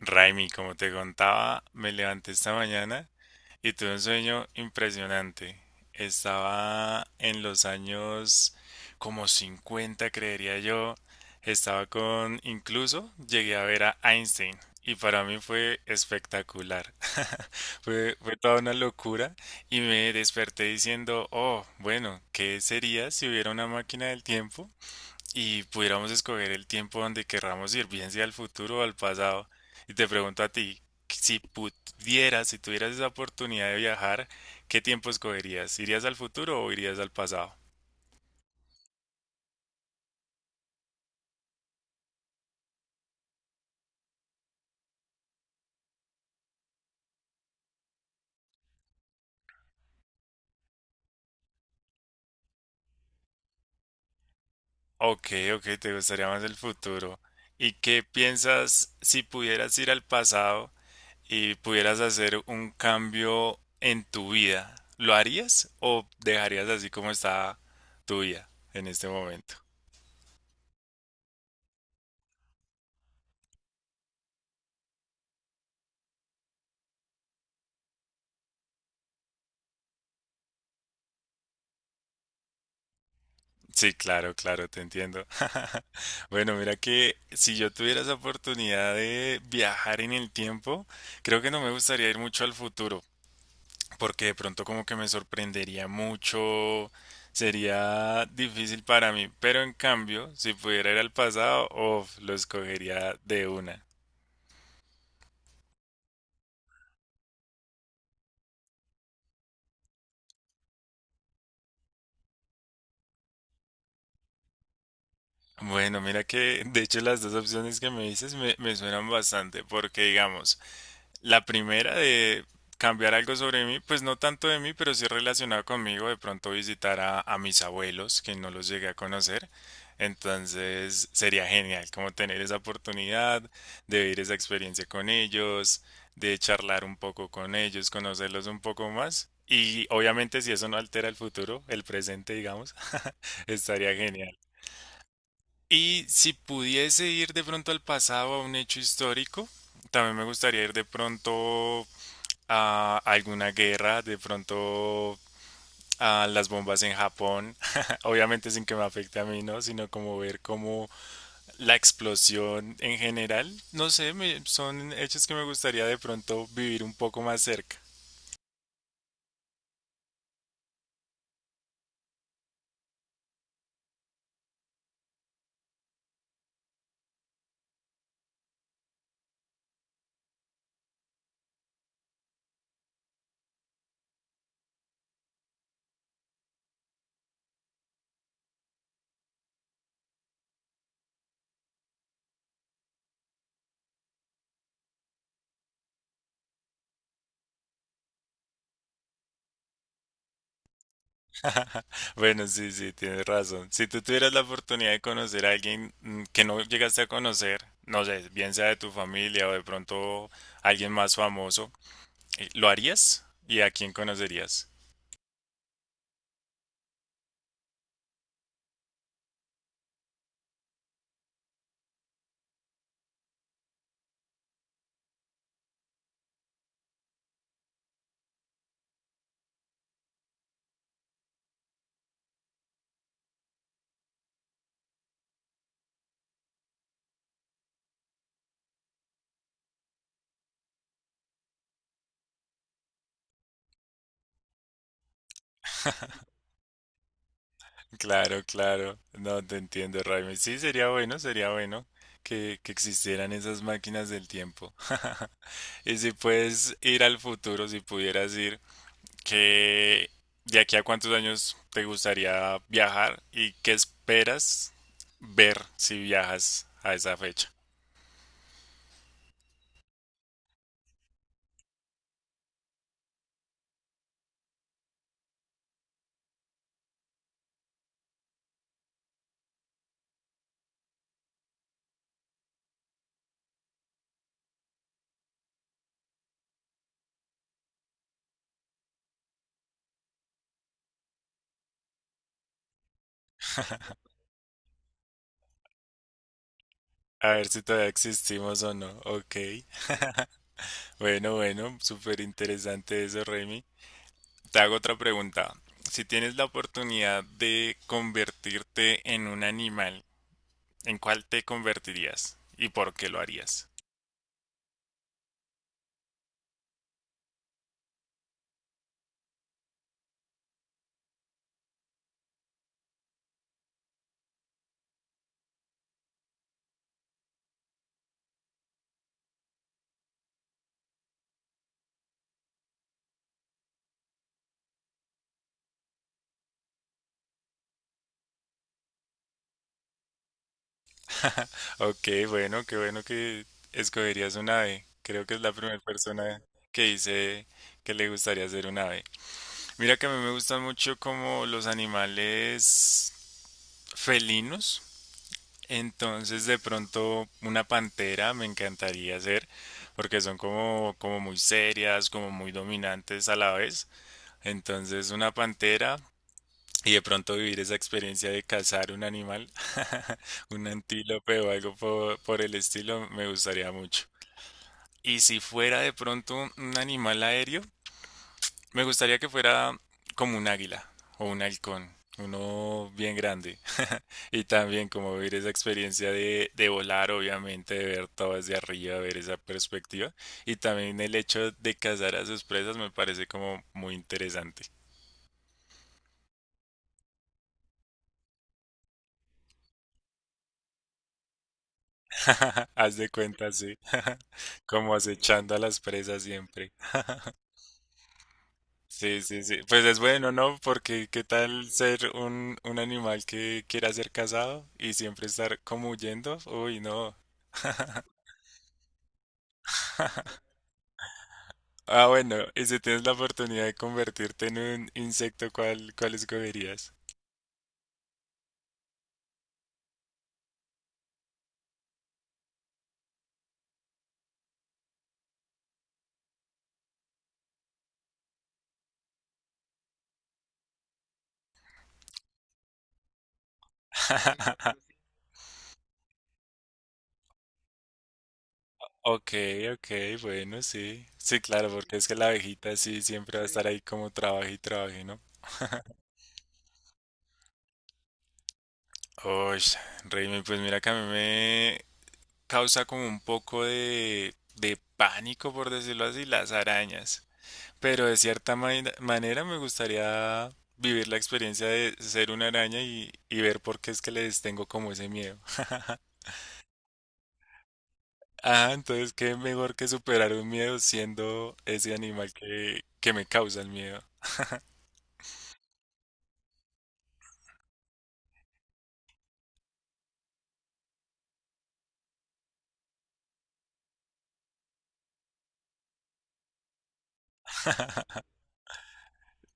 Raimi, como te contaba, me levanté esta mañana y tuve un sueño impresionante. Estaba en los años como 50, creería yo. Estaba con, incluso llegué a ver a Einstein y para mí fue espectacular. Fue toda una locura y me desperté diciendo, oh, bueno, ¿qué sería si hubiera una máquina del tiempo? Y pudiéramos escoger el tiempo donde querramos ir, bien sea al futuro o al pasado, y te pregunto a ti, si pudieras, si tuvieras esa oportunidad de viajar, ¿qué tiempo escogerías? ¿Irías al futuro o irías al pasado? Ok, ok, te gustaría más el futuro. ¿Y qué piensas si pudieras ir al pasado y pudieras hacer un cambio en tu vida? ¿Lo harías o dejarías así como está tu vida en este momento? Sí, claro, claro, te entiendo. Bueno, mira que si yo tuviera esa oportunidad de viajar en el tiempo, creo que no me gustaría ir mucho al futuro, porque de pronto como que me sorprendería mucho, sería difícil para mí, pero en cambio, si pudiera ir al pasado, uf, lo escogería de una. Bueno, mira que de hecho las dos opciones que me dices me suenan bastante, porque digamos, la primera de cambiar algo sobre mí, pues no tanto de mí, pero sí relacionado conmigo, de pronto visitar a mis abuelos, que no los llegué a conocer. Entonces sería genial como tener esa oportunidad de vivir esa experiencia con ellos, de charlar un poco con ellos, conocerlos un poco más. Y obviamente si eso no altera el futuro, el presente, digamos, estaría genial. Y si pudiese ir de pronto al pasado, a un hecho histórico, también me gustaría ir de pronto a alguna guerra, de pronto a las bombas en Japón, obviamente sin que me afecte a mí, ¿no? Sino como ver cómo la explosión en general, no sé, son hechos que me gustaría de pronto vivir un poco más cerca. Bueno, sí, sí, tienes razón. Si tú tuvieras la oportunidad de conocer a alguien que no llegaste a conocer, no sé, bien sea de tu familia o de pronto alguien más famoso, ¿lo harías? ¿Y a quién conocerías? Claro, claro. No te entiendo, Raimi. Sí, sería bueno que existieran esas máquinas del tiempo. Y si puedes ir al futuro, si pudieras ir, ¿qué? ¿De aquí a cuántos años te gustaría viajar y qué esperas ver si viajas a esa fecha? A ver si todavía existimos o no. Ok. Bueno, bueno, súper interesante eso, Raimi. Te hago otra pregunta. Si tienes la oportunidad de convertirte en un animal, ¿en cuál te convertirías? ¿Y por qué lo harías? Ok, bueno, qué bueno que escogerías un ave. Creo que es la primera persona que dice que le gustaría ser un ave. Mira que a mí me gustan mucho como los animales felinos. Entonces de pronto una pantera me encantaría ser porque son como, como muy serias, como muy dominantes a la vez. Entonces, una pantera y de pronto vivir esa experiencia de cazar un animal, un antílope o algo por el estilo, me gustaría mucho. Y si fuera de pronto un animal aéreo, me gustaría que fuera como un águila o un halcón, uno bien grande. Y también como vivir esa experiencia de volar, obviamente, de ver todo desde arriba, ver esa perspectiva. Y también el hecho de cazar a sus presas me parece como muy interesante. Haz de cuenta, sí. Como acechando a las presas siempre. Sí, sí, sí. Pues es bueno, ¿no? Porque qué tal ser un animal que quiera ser cazado y siempre estar como huyendo. Uy, no. Ah, bueno, y si tienes la oportunidad de convertirte en un insecto, ¿cuál, cuál escogerías? Ok, ok, bueno, sí. Sí, claro, porque es que la abejita sí siempre va a estar ahí como trabaje y trabaje, ¿no? Uy, Raymond, pues mira que a mí causa como un poco de pánico, por decirlo así, las arañas. Pero de cierta manera me gustaría vivir la experiencia de ser una araña y ver por qué es que les tengo como ese miedo. Ah, entonces qué mejor que superar un miedo siendo ese animal que me causa el miedo.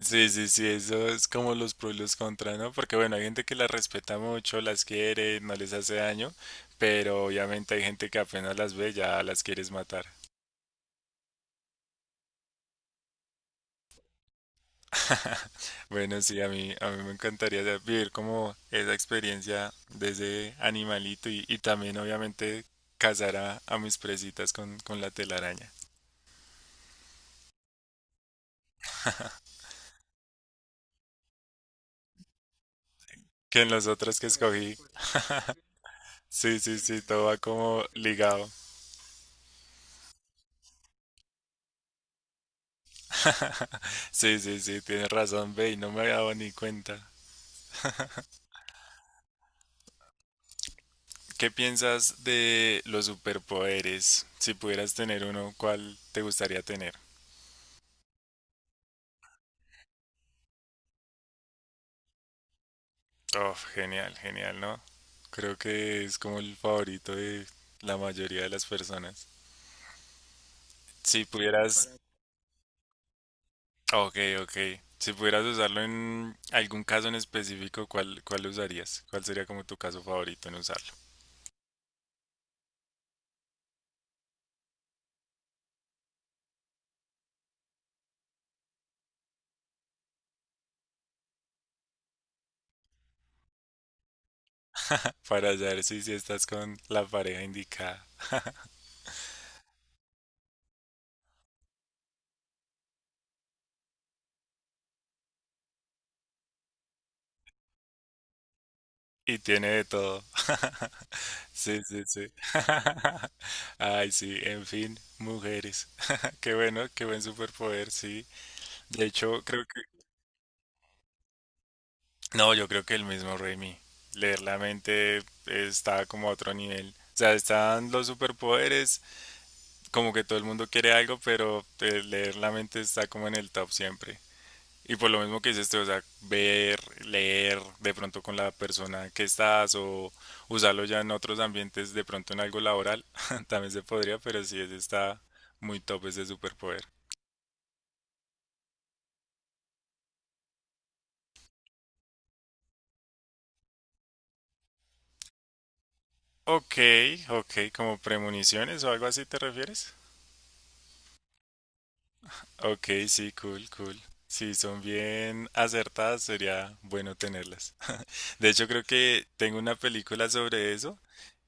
Sí, sí, sí, eso es como los pros y los contras, ¿no? Porque bueno, hay gente que las respeta mucho, las quiere, no les hace daño, pero obviamente hay gente que apenas las ve ya las quieres matar. Bueno, sí, a mí me encantaría, o sea, vivir como esa experiencia de ese animalito y también obviamente cazar a mis presitas con la telaraña. Que en los otros que escogí. Sí, sí, sí, todo va como ligado. Sí, sí, sí, tienes razón, ve, y no me había dado ni cuenta. ¿Qué piensas de los superpoderes? Si pudieras tener uno, ¿cuál te gustaría tener? Oh, genial, genial, ¿no? Creo que es como el favorito de la mayoría de las personas. Si pudieras, ok, ok. Si pudieras usarlo en algún caso en específico, ¿cuál, cuál usarías? ¿Cuál sería como tu caso favorito en usarlo? Para saber si, si estás con la pareja indicada. Y tiene de todo. Sí, sí, sí. Ay, sí, en fin, mujeres. Qué bueno, qué buen superpoder, sí. De hecho, creo que no, yo creo que el mismo Raimi. Leer la mente está como a otro nivel. O sea, están los superpoderes, como que todo el mundo quiere algo, pero leer la mente está como en el top siempre. Y por lo mismo que dices tú, o sea, ver, leer de pronto con la persona que estás o usarlo ya en otros ambientes, de pronto en algo laboral, también se podría, pero sí, ese está muy top ese superpoder. Ok, ok, como premoniciones o algo así te refieres. Ok, sí, cool, cool. Si son bien acertadas, sería bueno tenerlas. De hecho, creo que tengo una película sobre eso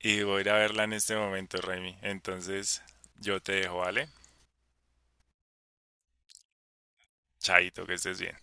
y voy a ir a verla en este momento, Remy. Entonces, yo te dejo, ¿vale? Chaito, que estés bien.